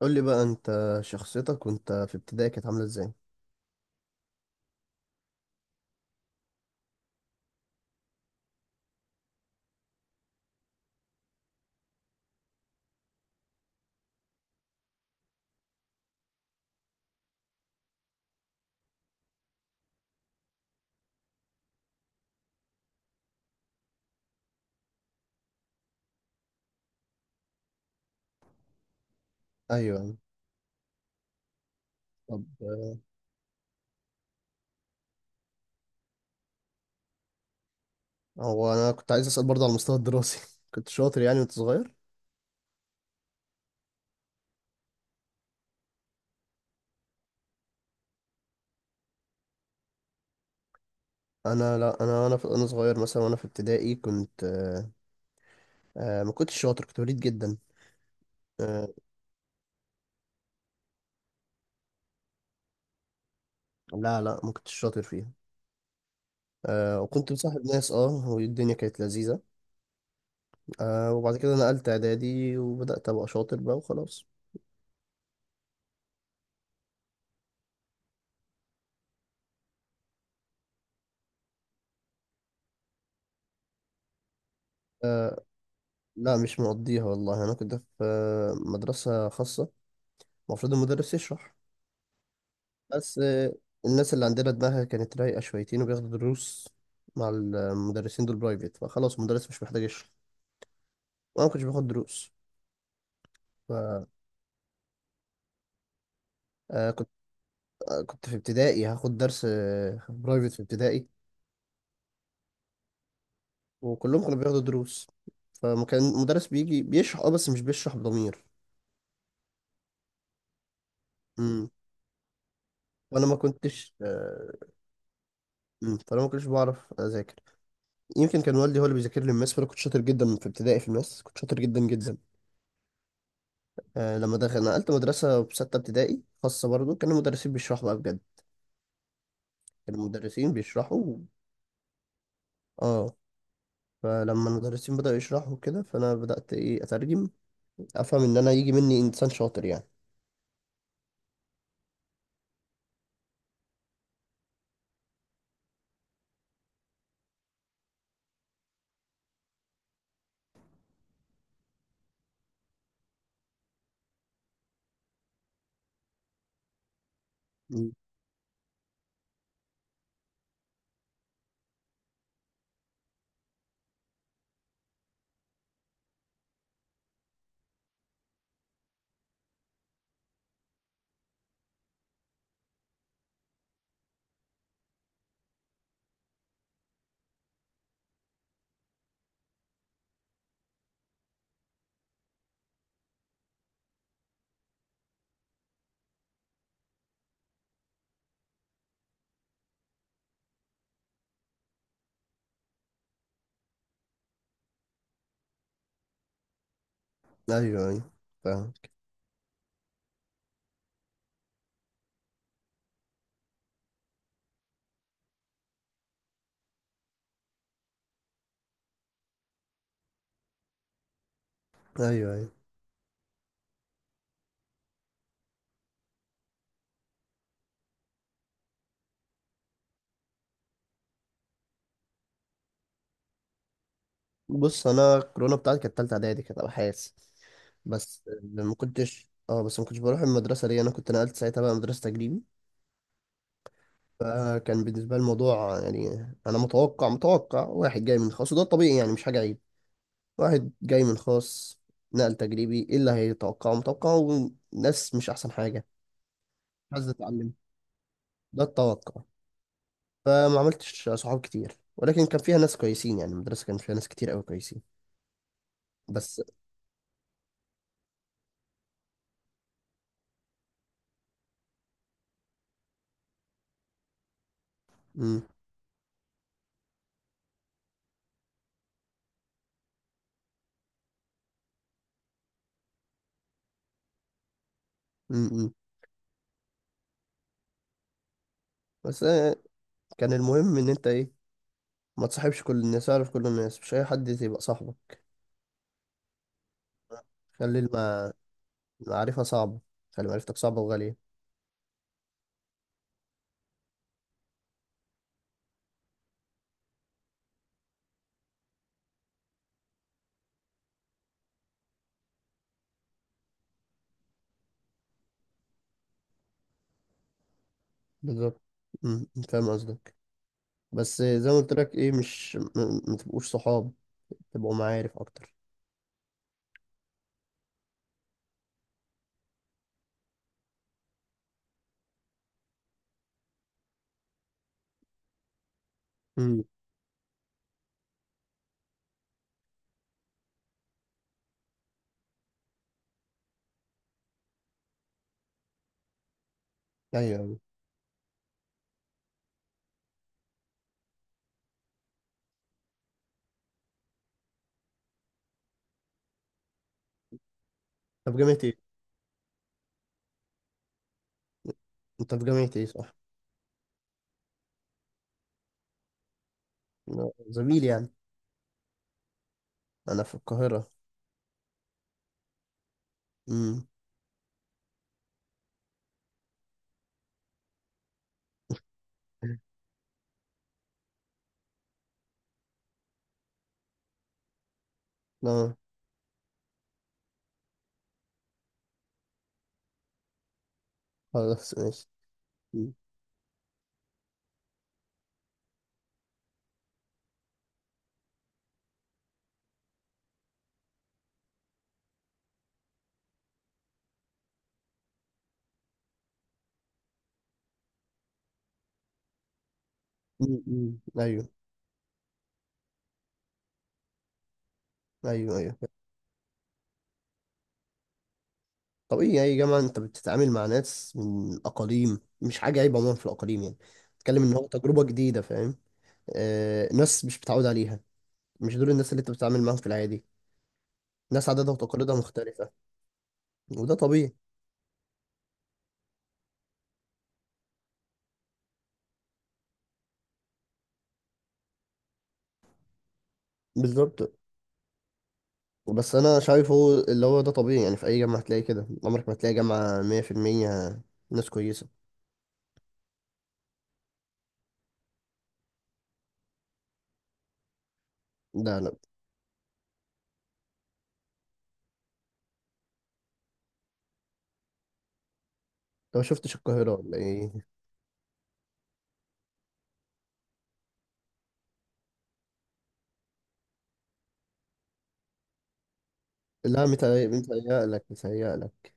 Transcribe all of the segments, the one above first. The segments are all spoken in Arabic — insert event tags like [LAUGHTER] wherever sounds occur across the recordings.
قول لي بقى، انت شخصيتك وانت في ابتدائي كانت عامله ازاي؟ ايوه يعني. طب. هو انا كنت عايز اسال برضه على المستوى الدراسي [LAUGHS] كنت شاطر يعني وانت صغير؟ انا، لا، انا صغير مثلا، وانا في ابتدائي كنت. ما كنتش شاطر، كنت وليد جدا. آه، لا لا، ما كنتش شاطر فيها. وكنت مصاحب ناس، والدنيا كانت لذيذه. وبعد كده نقلت اعدادي وبدات ابقى شاطر بقى وخلاص. آه، لا مش مقضيها والله، انا كنت في مدرسه خاصه، المفروض المدرس يشرح. بس الناس اللي عندنا دماغها كانت رايقة شويتين وبياخدوا دروس مع المدرسين دول برايفت، فخلاص المدرس مش محتاج يشرح. وأنا ما كنتش باخد دروس. ف آه، كنت كنت في ابتدائي هاخد درس برايفت في ابتدائي، وكلهم كانوا بياخدوا دروس. فما كان المدرس بيجي بيشرح، بس مش بيشرح بضمير. امم. وانا ما كنتش. مم. فانا ما كنتش بعرف اذاكر. يمكن كان والدي هو اللي بيذاكر لي الماس، فانا كنت شاطر جدا في ابتدائي. في الماس كنت شاطر جدا جدا. لما دخل نقلت مدرسة في ستة ابتدائي خاصة برضو، كانوا المدرسين بيشرحوا بقى بجد. كانوا المدرسين بيشرحوا و- اه فلما المدرسين بدأوا يشرحوا كده، فأنا بدأت إيه أترجم، أفهم إن أنا يجي مني إنسان شاطر يعني. مم. أيوه أيوه، فاهم. أيوه أيوه. بص، أنا الكورونا بتاعتي كانت تالتة إعدادي، كانت أبحاث. بس ما كنتش بروح المدرسة، ليه؟ أنا كنت نقلت ساعتها بقى مدرسة تجريبي. فكان بالنسبة لي الموضوع يعني، أنا متوقع واحد جاي من خاص وده الطبيعي يعني، مش حاجة عيب. واحد جاي من خاص، نقل تجريبي، ايه اللي هيتوقعه؟ متوقعه ناس مش احسن حاجة. عايز اتعلم. ده التوقع. فما عملتش صحاب كتير، ولكن كان فيها ناس كويسين، يعني المدرسة كان فيها ناس كتير قوي كويسين. بس م -م -م. بس كان المهم ان انت ايه؟ ما تصاحبش كل الناس، اعرف كل الناس، مش اي حد يبقى صاحبك. خلي الم- المعرفة صعبة، خلي معرفتك صعبة وغالية. بالظبط. م- م، فاهم قصدك. بس زي ما قلت لك، ايه، مش ما تبقوش صحاب، تبقوا معارف اكتر. ايوه ايوه. طب جامعة ايه؟ انت في جامعة ايه، صح؟ أنا زميل يعني. انا في القاهرة. امم. [LAUGHS] اه. خلاص ماشي. أمم، أمم، أمم. ايوه ايوه. ايوه، طبيعي اي جامعة انت بتتعامل مع ناس من اقاليم، مش حاجة عيب، عموما في الاقاليم يعني. بتتكلم ان هو تجربة جديدة، فاهم؟ آه، ناس مش متعود عليها، مش دول الناس اللي انت بتتعامل معاهم في العادي. ناس عاداتها وتقاليدها مختلفة، وده طبيعي. بالظبط. بس انا شايفه اللي هو ده طبيعي، يعني في اي جامعه هتلاقي كده. عمرك ما هتلاقي جامعه 100% ناس كويسه. لا لا. انت ما شفتش القاهره ولا ايه؟ لا، متهيألك.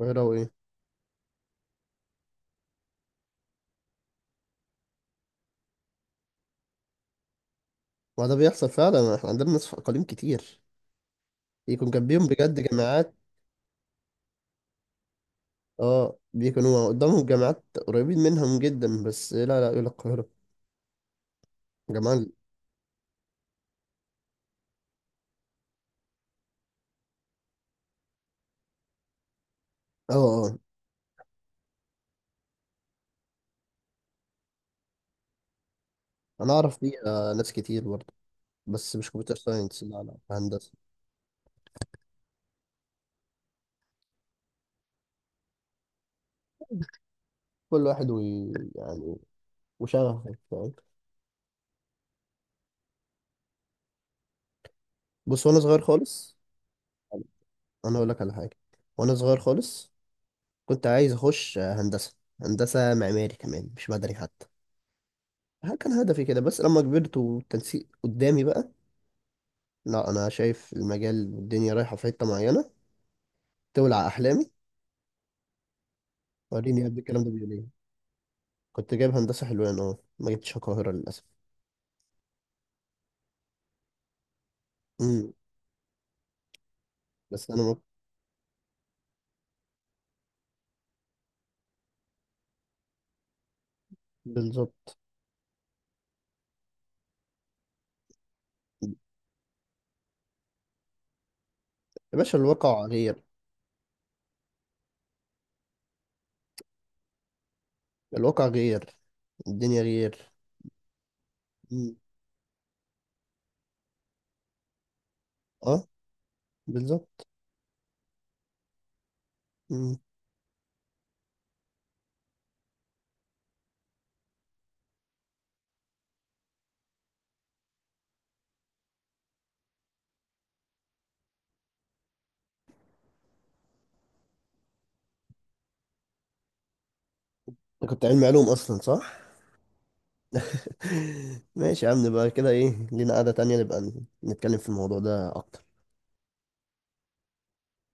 القاهره وايه. ما ده بيحصل فعلا، احنا عندنا ناس في اقاليم كتير يكون جنبيهم بجد جامعات، اه بيكونوا قدامهم جامعات قريبين منهم جدا، بس لا لا، يقول لك القاهره. جمال. اه اه. انا اعرف فيها ناس كتير برضه، بس مش كمبيوتر ساينس، لا لا، هندسه. كل واحد يعني وشغفه. بص، وانا صغير خالص، انا اقول لك على حاجه. وانا صغير خالص كنت عايز اخش هندسه، هندسه معماري كمان مش مدني حتى. ها، كان هدفي كده. بس لما كبرت والتنسيق قدامي بقى، لا انا شايف المجال والدنيا رايحه في حته معينه، تولع احلامي. وريني يا ابني الكلام ده بيقول ايه. كنت جايب هندسه حلوان، ما جبتش القاهره للاسف. امم. بس انا ما- بالظبط. يا باشا الواقع غير. الواقع غير، الدنيا غير. امم. اه، بالظبط. امم. انت كنت علمي علوم اصلا، صح؟ [LAUGHS] ماشي يا عم، نبقى كده، ايه، لينا قعدة تانية نبقى نتكلم في الموضوع ده أكتر.